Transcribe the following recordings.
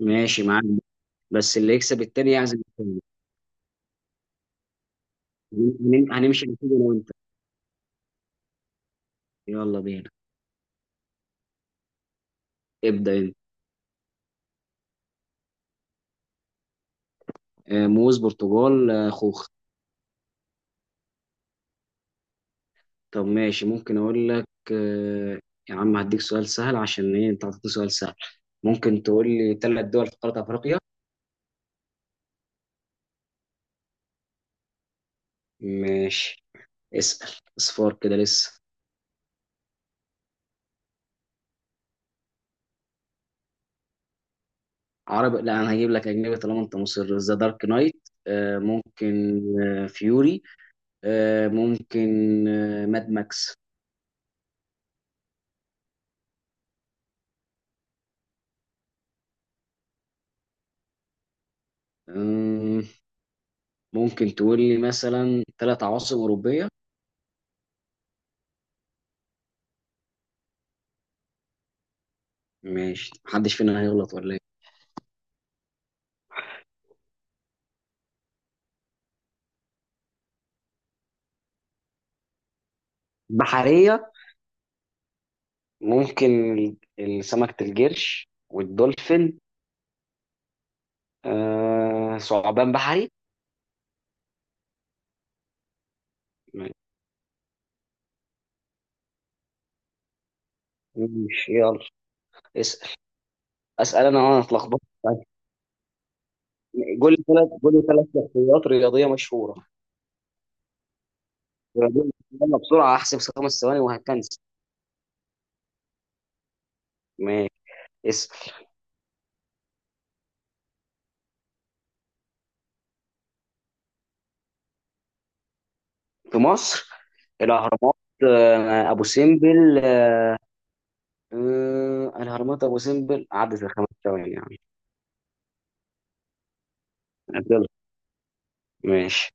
ماشي معاك. بس اللي يكسب التاني يعزم التاني. هنمشي على كده انا وانت. يلا بينا. ابدأ انت. موز برتقال خوخ. طب ماشي، ممكن اقول لك يا عم هديك سؤال سهل. عشان ايه انت عطيتني سؤال سهل؟ ممكن تقول لي ثلاث دول في قارة افريقيا. ماشي، اسأل. اصفار كده لسه. عربي؟ لا انا هجيب لك اجنبي طالما انت مصر. ذا دارك نايت ممكن. فيوري ممكن. ماد ماكس. ممكن تقول لي مثلا ثلاث عواصم أوروبية؟ ماشي، محدش فينا هيغلط ولا ايه؟ بحرية. ممكن سمكة القرش والدولفين ثعبان بحري. ماشي يلا، اسأل. أسأل أنا وأنا اتلخبطت. قول لي ثلاث، قول لي ثلاث شخصيات رياضية مشهورة. رياضية مشهورة. يلا بسرعة، أحسب 5 ثواني وهتنسى. ماشي، اسأل. في مصر؟ الأهرامات، أبو سمبل، الهرمات ابو سمبل. عدت ال5 ثواني يعني. يلا، ماشي.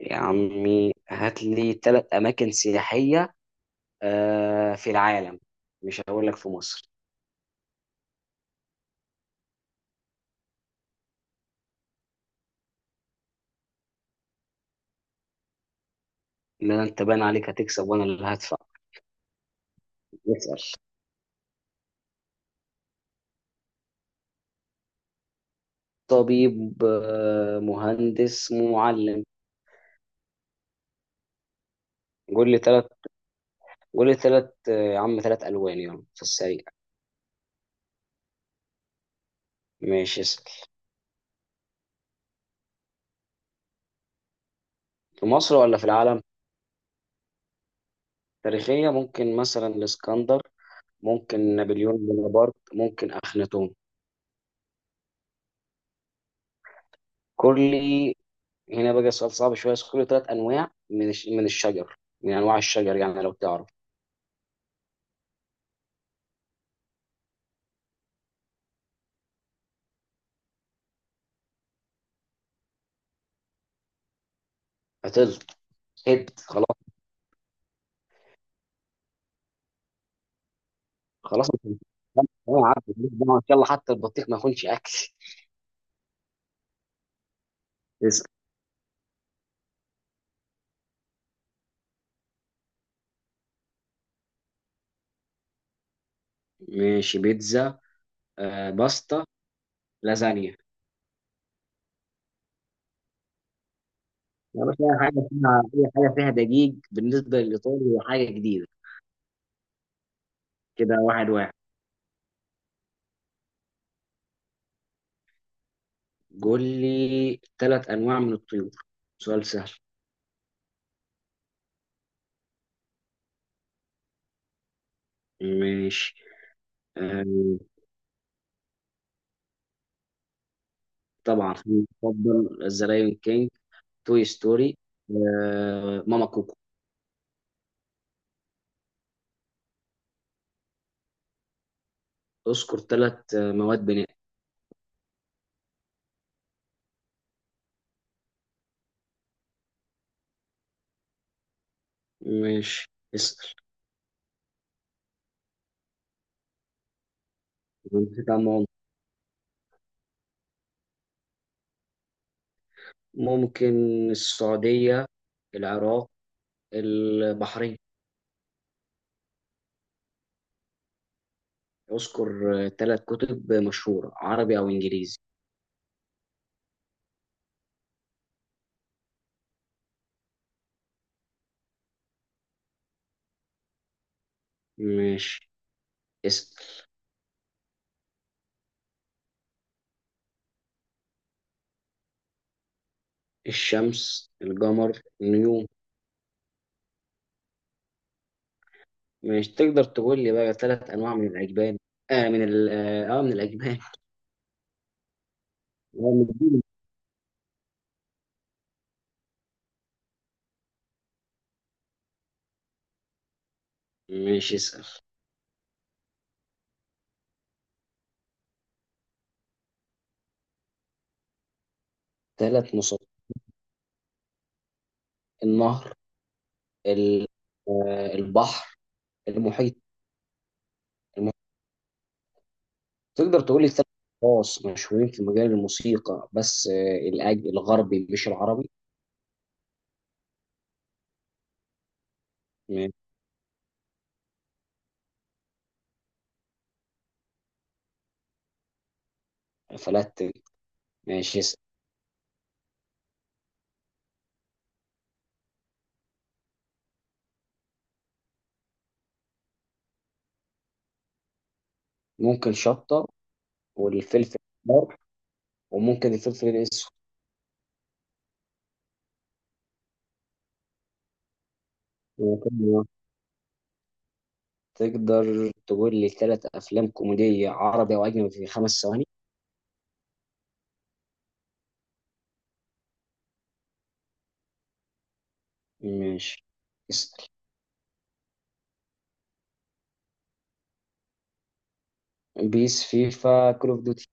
يا عمي هات لي ثلاث اماكن سياحيه في العالم، مش هقول لك في مصر. لا انت بان عليك هتكسب وانا اللي هدفع. اسال. طبيب مهندس معلم. قول لي ثلاث، قول لي ثلاث يا عم، ثلاث الوان يلا في السريع. ماشي، اسال. في مصر ولا في العالم؟ تاريخيه، ممكن مثلا الاسكندر، ممكن نابليون بونابرت، ممكن اخناتون. كل. هنا بقى السؤال صعب شويه. اذكر لي ثلاث انواع من من الشجر، من انواع الشجر يعني لو تعرف. هتل خلاص. خلاص انت. أنا عارف ماليش دعوة. ان شاء الله حتى البطيخ ما يكونش اكل. اسأل. ماشي، بيتزا باستا لازانيا. يا باشا، اي حاجه فيها، اي حاجه فيها دقيق بالنسبه للايطالي هي حاجه جديده. كده واحد واحد. قول لي ثلاث انواع من الطيور، سؤال سهل. ماشي. آه. طبعا، في مفضل الزرايون كينج، توي ستوري، ماما كوكو. اذكر ثلاث مواد بناء. مش. اسأل. نسيت عن ماما. ممكن السعودية، العراق، البحرين. اذكر ثلاث كتب مشهورة عربي أو إنجليزي. مش. اسأل. الشمس، القمر، النجوم. مش. تقدر تقول لي بقى ثلاث أنواع من الأجبان؟ من الأجبان. من الدين. مش. اسأل. ثلاث مصادر. النهر، ال- البحر، المحيط. المحيط. تقدر تقول لي ثلاث اشخاص مشهورين في مجال الموسيقى، بس آه، الأج الغربي مش العربي. ماشي. فلات. ماشي، اسأل. ممكن شطة، والفلفل الأحمر، وممكن الفلفل الأسود. وممكن. تقدر تقول لي ثلاث أفلام كوميدية عربي أو أجنبي في 5 ثواني؟ ماشي، اسأل. بيس، فيفا، كول أوف دوتي.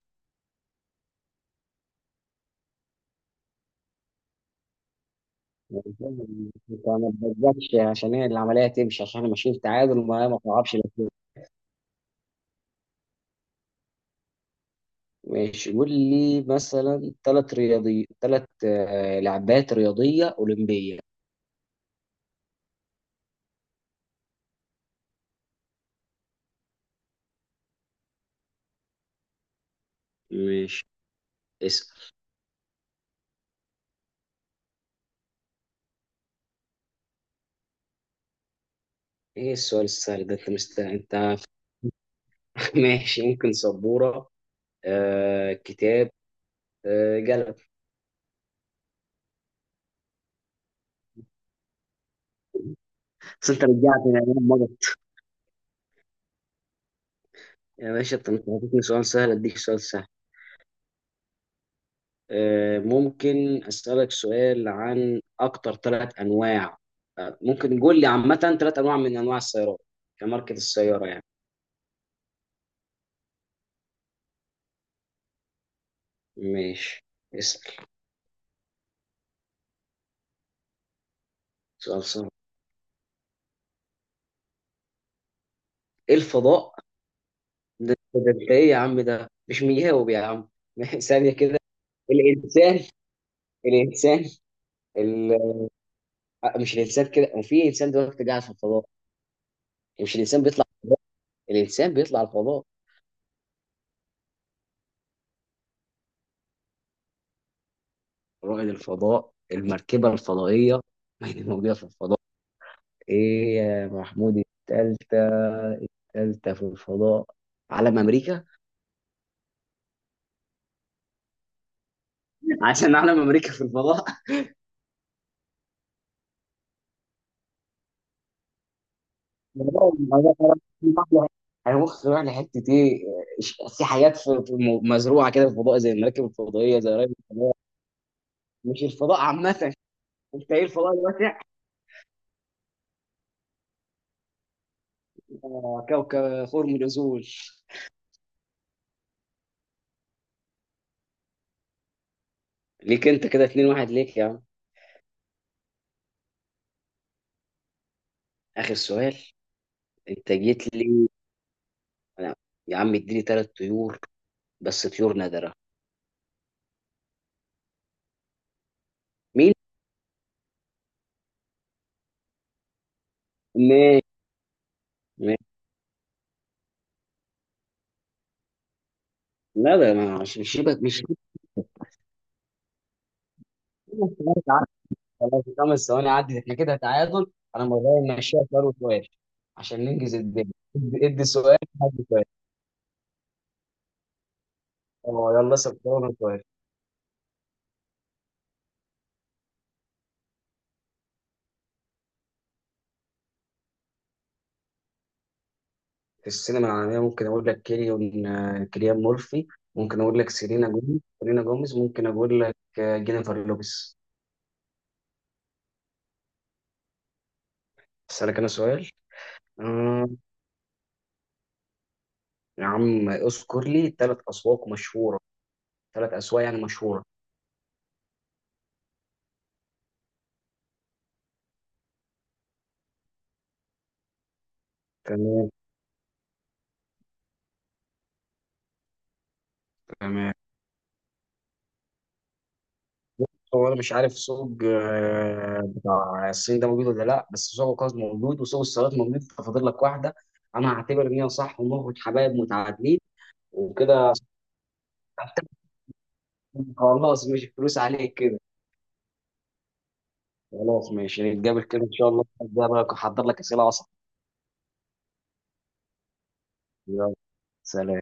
أنا ما تبدأش عشان هي العملية تمشي، عشان احنا ماشيين تعادل وما ما تعرفش. ماشي، قول لي مثلا ثلاث رياضي، ثلاث لعبات رياضية أولمبية. ماشي، اسأل. ايه السؤال السهل ده؟ انت انت. ماشي، ممكن سبورة كتاب قلم. بس انت رجعتني لأيام مضت. يا باشا انت مش هتديني سؤال سهل، اديك سؤال سهل. ممكن اسألك سؤال عن اكتر ثلاث انواع، ممكن قول لي عامة ثلاث انواع من انواع السيارات، كماركة السيارة يعني. ماشي، اسأل. سؤال سهل. ايه الفضاء؟ ده انت ايه يا عم؟ ده مش مجاوب يا عم. ثانيه كده. الانسان. الانسان. ال... آه، مش الانسان كده، وفي انسان دلوقتي قاعد في الفضاء. يعني مش الانسان بيطلع الفضاء؟ الانسان بيطلع الفضاء. رائد الفضاء، المركبه الفضائيه، ما هي موجوده في الفضاء. ايه يا محمود التالتة؟ التالتة في الفضاء. علم امريكا. عشان علم امريكا في الفضاء. الموضوع ده هيمخ يروح لحته ايه؟ في حاجات، في مزروعه كده في الفضاء، زي المراكب الفضائيه، زي راكب الفضاء. مش الفضاء عامه؟ انت ايه، الفضاء الواسع؟ كوكب خرم الازول. ليك انت كده 2-1، ليك يا عم. اخر سؤال. انت جيت لي. أنا- يا عم اديني ثلاث طيور، بس طيور نادره. مين؟ ماشي، ماشي. لا ده مش شبه مش. خلاص، 5 ثواني عدت، احنا كده تعادل. انا مغير ماشيها سؤال وسؤال، عشان ننجز الدنيا. ادي ادي سؤال، ادي سؤال. اه يلا، اسال سؤال وأنا سؤال. في السينما العالميه، ممكن اقول لك كيليان، مورفي، ممكن اقول لك سيلينا جوميز، ممكن اقول لك جينيفر لوبيز. اسالك انا سؤال. آه يا عم اذكر لي ثلاث اسواق مشهوره، ثلاث اسواق يعني مشهوره. تمام. تمام. هو انا مش عارف سوق بتاع الصين ده موجود ولا لا، بس سوق القفص موجود وسوق السيارات موجود، ففاضل لك واحده. انا هعتبر ان هي صح ونخرج حبايب متعادلين. وكده. خلاص مش فلوس عليك كده. خلاص ماشي، نتقابل كده ان شاء الله، هبقى احضر لك اسئله اصعب. يلا. سلام.